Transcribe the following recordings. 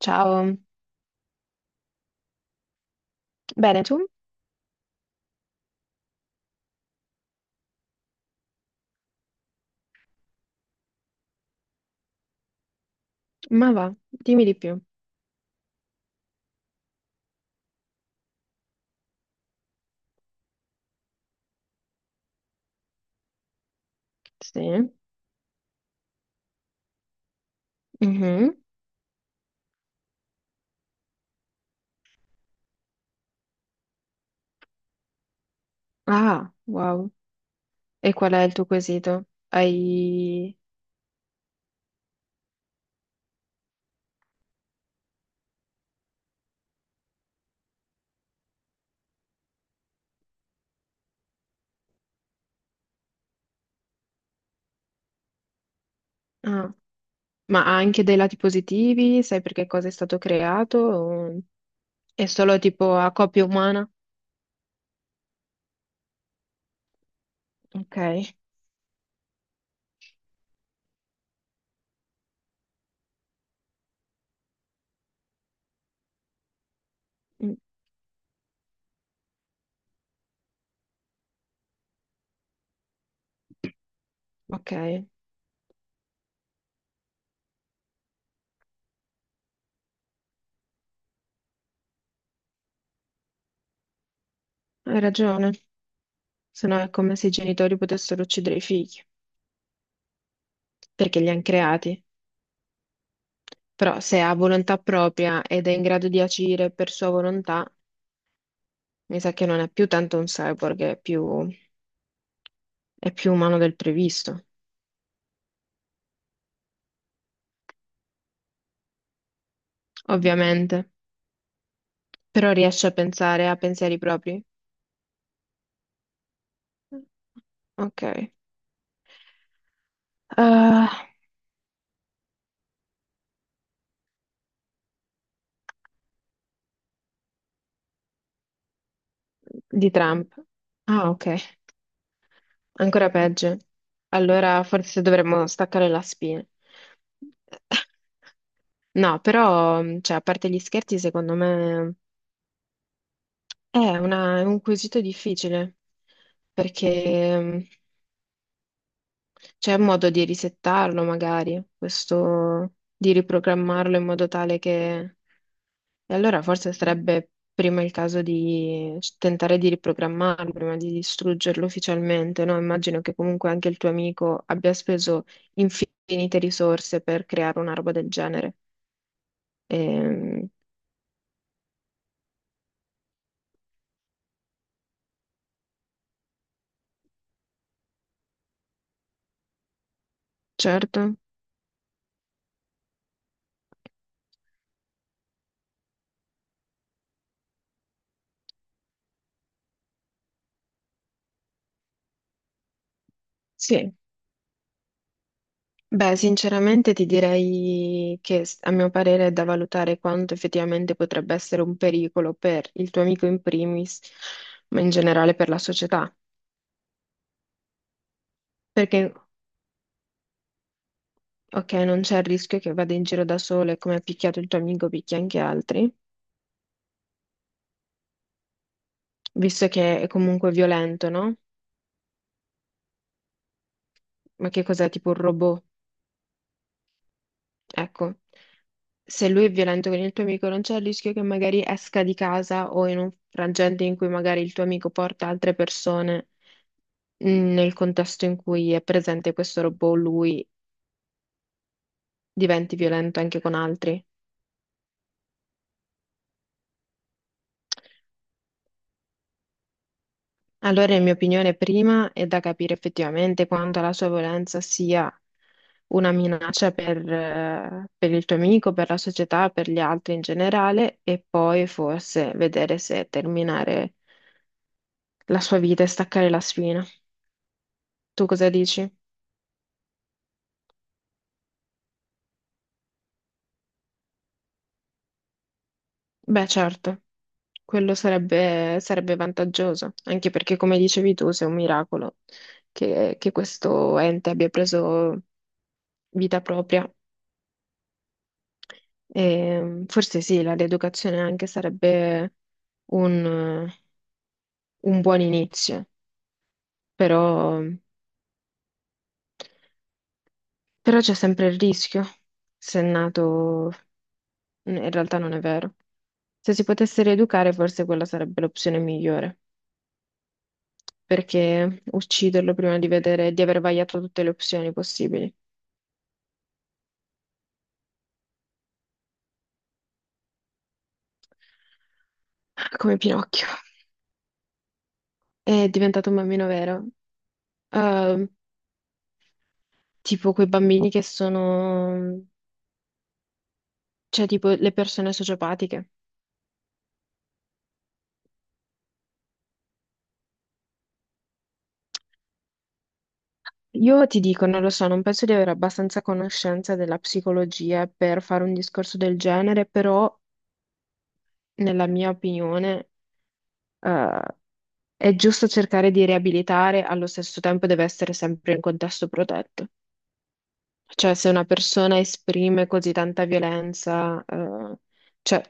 Ciao, bene tu? Ma va, dimmi di più. Sì. Mhm. Ah, wow. E qual è il tuo quesito? Hai... ah, ma ha anche dei lati positivi? Sai per che cosa è stato creato? O è solo tipo a coppia umana? Ok. Mm. Ok, hai ragione. Se no è come se i genitori potessero uccidere i figli, perché li hanno creati. Però se ha volontà propria ed è in grado di agire per sua volontà, mi sa che non è più tanto un cyborg, è più umano del previsto, ovviamente. Però riesce a pensare a pensieri propri? Ok. Ah, di Trump. Ah, ok. Ancora peggio. Allora forse dovremmo staccare la spina. No, però, cioè, a parte gli scherzi, secondo me è una- è un quesito difficile perché c'è un modo di risettarlo magari, questo di riprogrammarlo in modo tale che... E allora forse sarebbe prima il caso di tentare di riprogrammarlo, prima di distruggerlo ufficialmente, no? Immagino che comunque anche il tuo amico abbia speso infinite risorse per creare una roba del genere. Ehm, certo, sì. Beh, sinceramente ti direi che s- a mio parere è da valutare quanto effettivamente potrebbe essere un pericolo per il tuo amico in primis, ma in generale per la società. Perché, ok, non c'è il rischio che vada in giro da solo e come ha picchiato il tuo amico picchia anche altri, visto che è comunque violento, no? Ma che cos'è, tipo un robot? Ecco, se lui è violento con il tuo amico, non c'è il rischio che magari esca di casa o in un frangente in cui magari il tuo amico porta altre persone. Mh, nel contesto in cui è presente questo robot, lui diventi violento anche con altri. Allora, in mia opinione, prima è da capire effettivamente quanto la sua violenza sia una minaccia per il tuo amico, per la società, per gli altri in generale, e poi forse vedere se terminare la sua vita e staccare la spina. Tu cosa dici? Beh, certo. Quello sarebbe, sarebbe vantaggioso, anche perché, come dicevi tu, se è un miracolo che questo ente abbia preso vita propria. E, forse sì, la rieducazione anche sarebbe un, un buon inizio, però, però c'è sempre il rischio, se è nato, in realtà non è vero. Se si potesse rieducare, forse quella sarebbe l'opzione migliore, perché ucciderlo prima di vedere, di aver vagliato tutte le opzioni possibili. Come Pinocchio. È diventato un bambino vero. Ehm, tipo quei bambini che sono, cioè tipo le persone sociopatiche. Io ti dico, non lo so, non penso di avere abbastanza conoscenza della psicologia per fare un discorso del genere, però nella mia opinione, eh, è giusto cercare di riabilitare, allo stesso tempo deve essere sempre in contesto protetto. Cioè, se una persona esprime così tanta violenza, cioè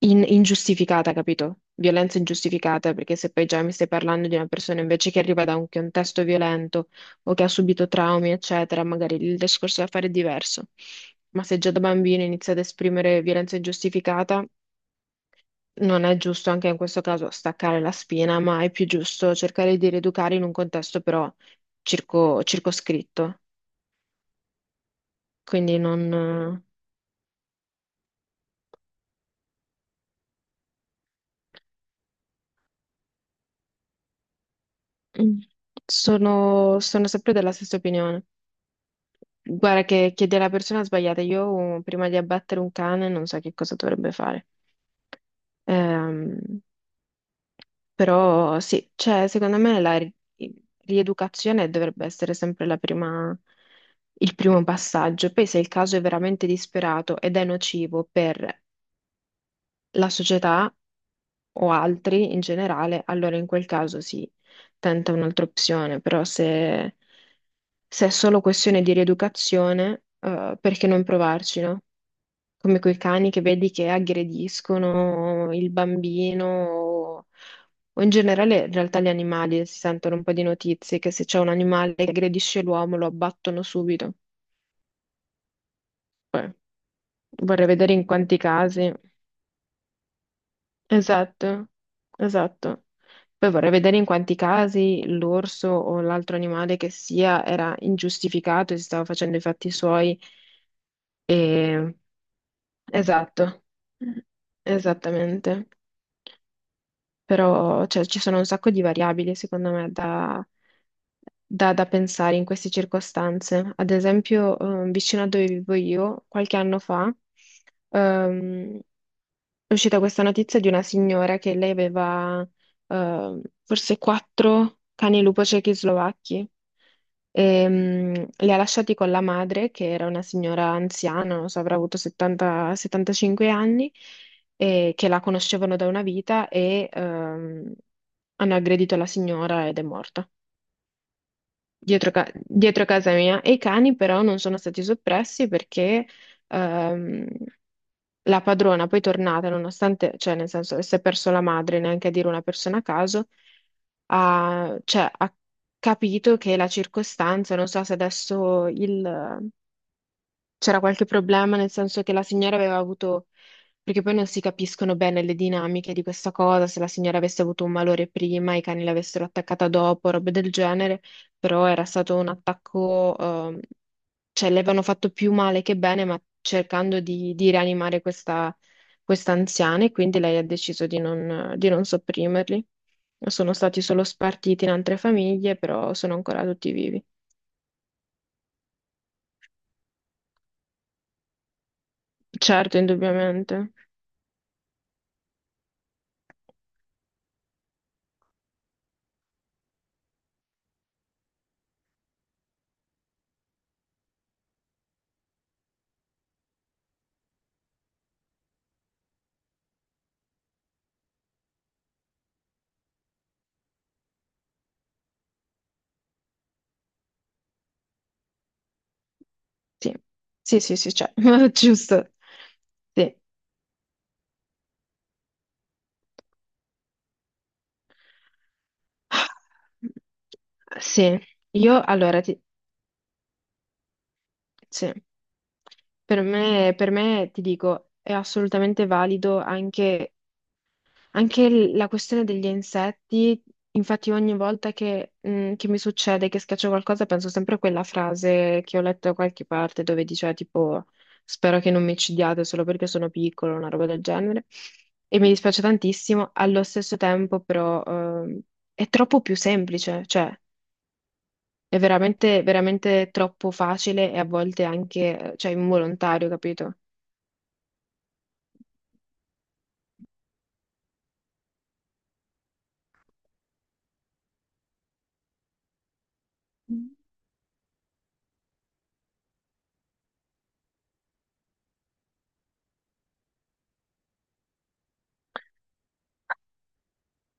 in- ingiustificata, capito? Violenza ingiustificata, perché se poi già mi stai parlando di una persona invece che arriva da un contesto violento o che ha subito traumi, eccetera, magari il discorso da fare è diverso. Ma se già da bambino inizia ad esprimere violenza ingiustificata, non è giusto anche in questo caso staccare la spina, ma è più giusto cercare di rieducare in un contesto però circo- circoscritto. Quindi non... eh, sono, sono sempre della stessa opinione. Guarda che chiedi alla persona sbagliata, io prima di abbattere un cane non so che cosa dovrebbe fare. Ehm, però sì, cioè, secondo me la ri- rieducazione dovrebbe essere sempre la prima- il primo passaggio. Poi se il caso è veramente disperato ed è nocivo per la società o altri in generale, allora in quel caso sì, tenta un'altra opzione, però se, se è solo questione di rieducazione, perché non provarci, no? Come quei cani che vedi che aggrediscono il bambino o in generale in realtà gli animali si sentono un po' di notizie che se c'è un animale che aggredisce l'uomo lo abbattono subito. Poi vorrei vedere in quanti casi. Esatto, esatto. Poi vorrei vedere in quanti casi l'orso o l'altro animale che sia era ingiustificato e si stava facendo i fatti suoi. E... esatto, esattamente. Però, cioè, ci sono un sacco di variabili, secondo me, da, da- da pensare in queste circostanze. Ad esempio, vicino a dove vivo io, qualche anno fa, ehm, è uscita questa notizia di una signora che lei aveva, forse 4 cani lupo ciechi slovacchi. E, mm, li ha lasciati con la madre, che era una signora anziana, non so, avrà avuto 70, 75 anni, e che la conoscevano da una vita e hanno aggredito la signora ed è morta. Dietro, ca- dietro casa mia. E i cani però non sono stati soppressi perché ehm, la padrona poi tornata, nonostante, cioè nel senso, si è perso la madre, neanche a dire una persona a caso, ha, cioè, ha capito che la circostanza, non so se adesso il, c'era qualche problema, nel senso che la signora aveva avuto, perché poi non si capiscono bene le dinamiche di questa cosa, se la signora avesse avuto un malore prima, i cani l'avessero attaccata dopo, robe del genere, però era stato un attacco, cioè le avevano fatto più male che bene, ma cercando di rianimare questa, questa anziana e quindi lei ha deciso di non sopprimerli. Sono stati solo spartiti in altre famiglie, però sono ancora tutti vivi. Certo, indubbiamente. Sì, sì, sì, sì, cioè, giusto. Sì. Sì, io allora ti... sì. Per me, ti dico, è assolutamente valido anche anche l- la questione degli insetti, infatti ogni volta che, mm, che mi succede che schiaccio qualcosa penso sempre a quella frase che ho letto da qualche parte dove diceva tipo spero che non mi uccidiate solo perché sono piccolo, una roba del genere. E mi dispiace tantissimo, allo stesso tempo però è troppo più semplice, cioè è veramente, veramente troppo facile e a volte anche, cioè, involontario, capito?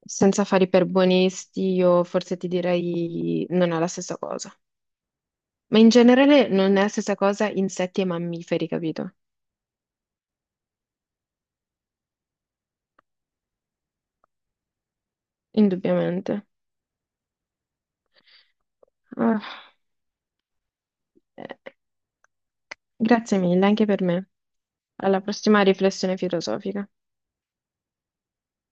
Senza fare i perbonisti, io forse ti direi non è la stessa cosa. Ma in generale non è la stessa cosa insetti e mammiferi, capito? Indubbiamente. Ah, eh, grazie mille anche per me. Alla prossima riflessione filosofica.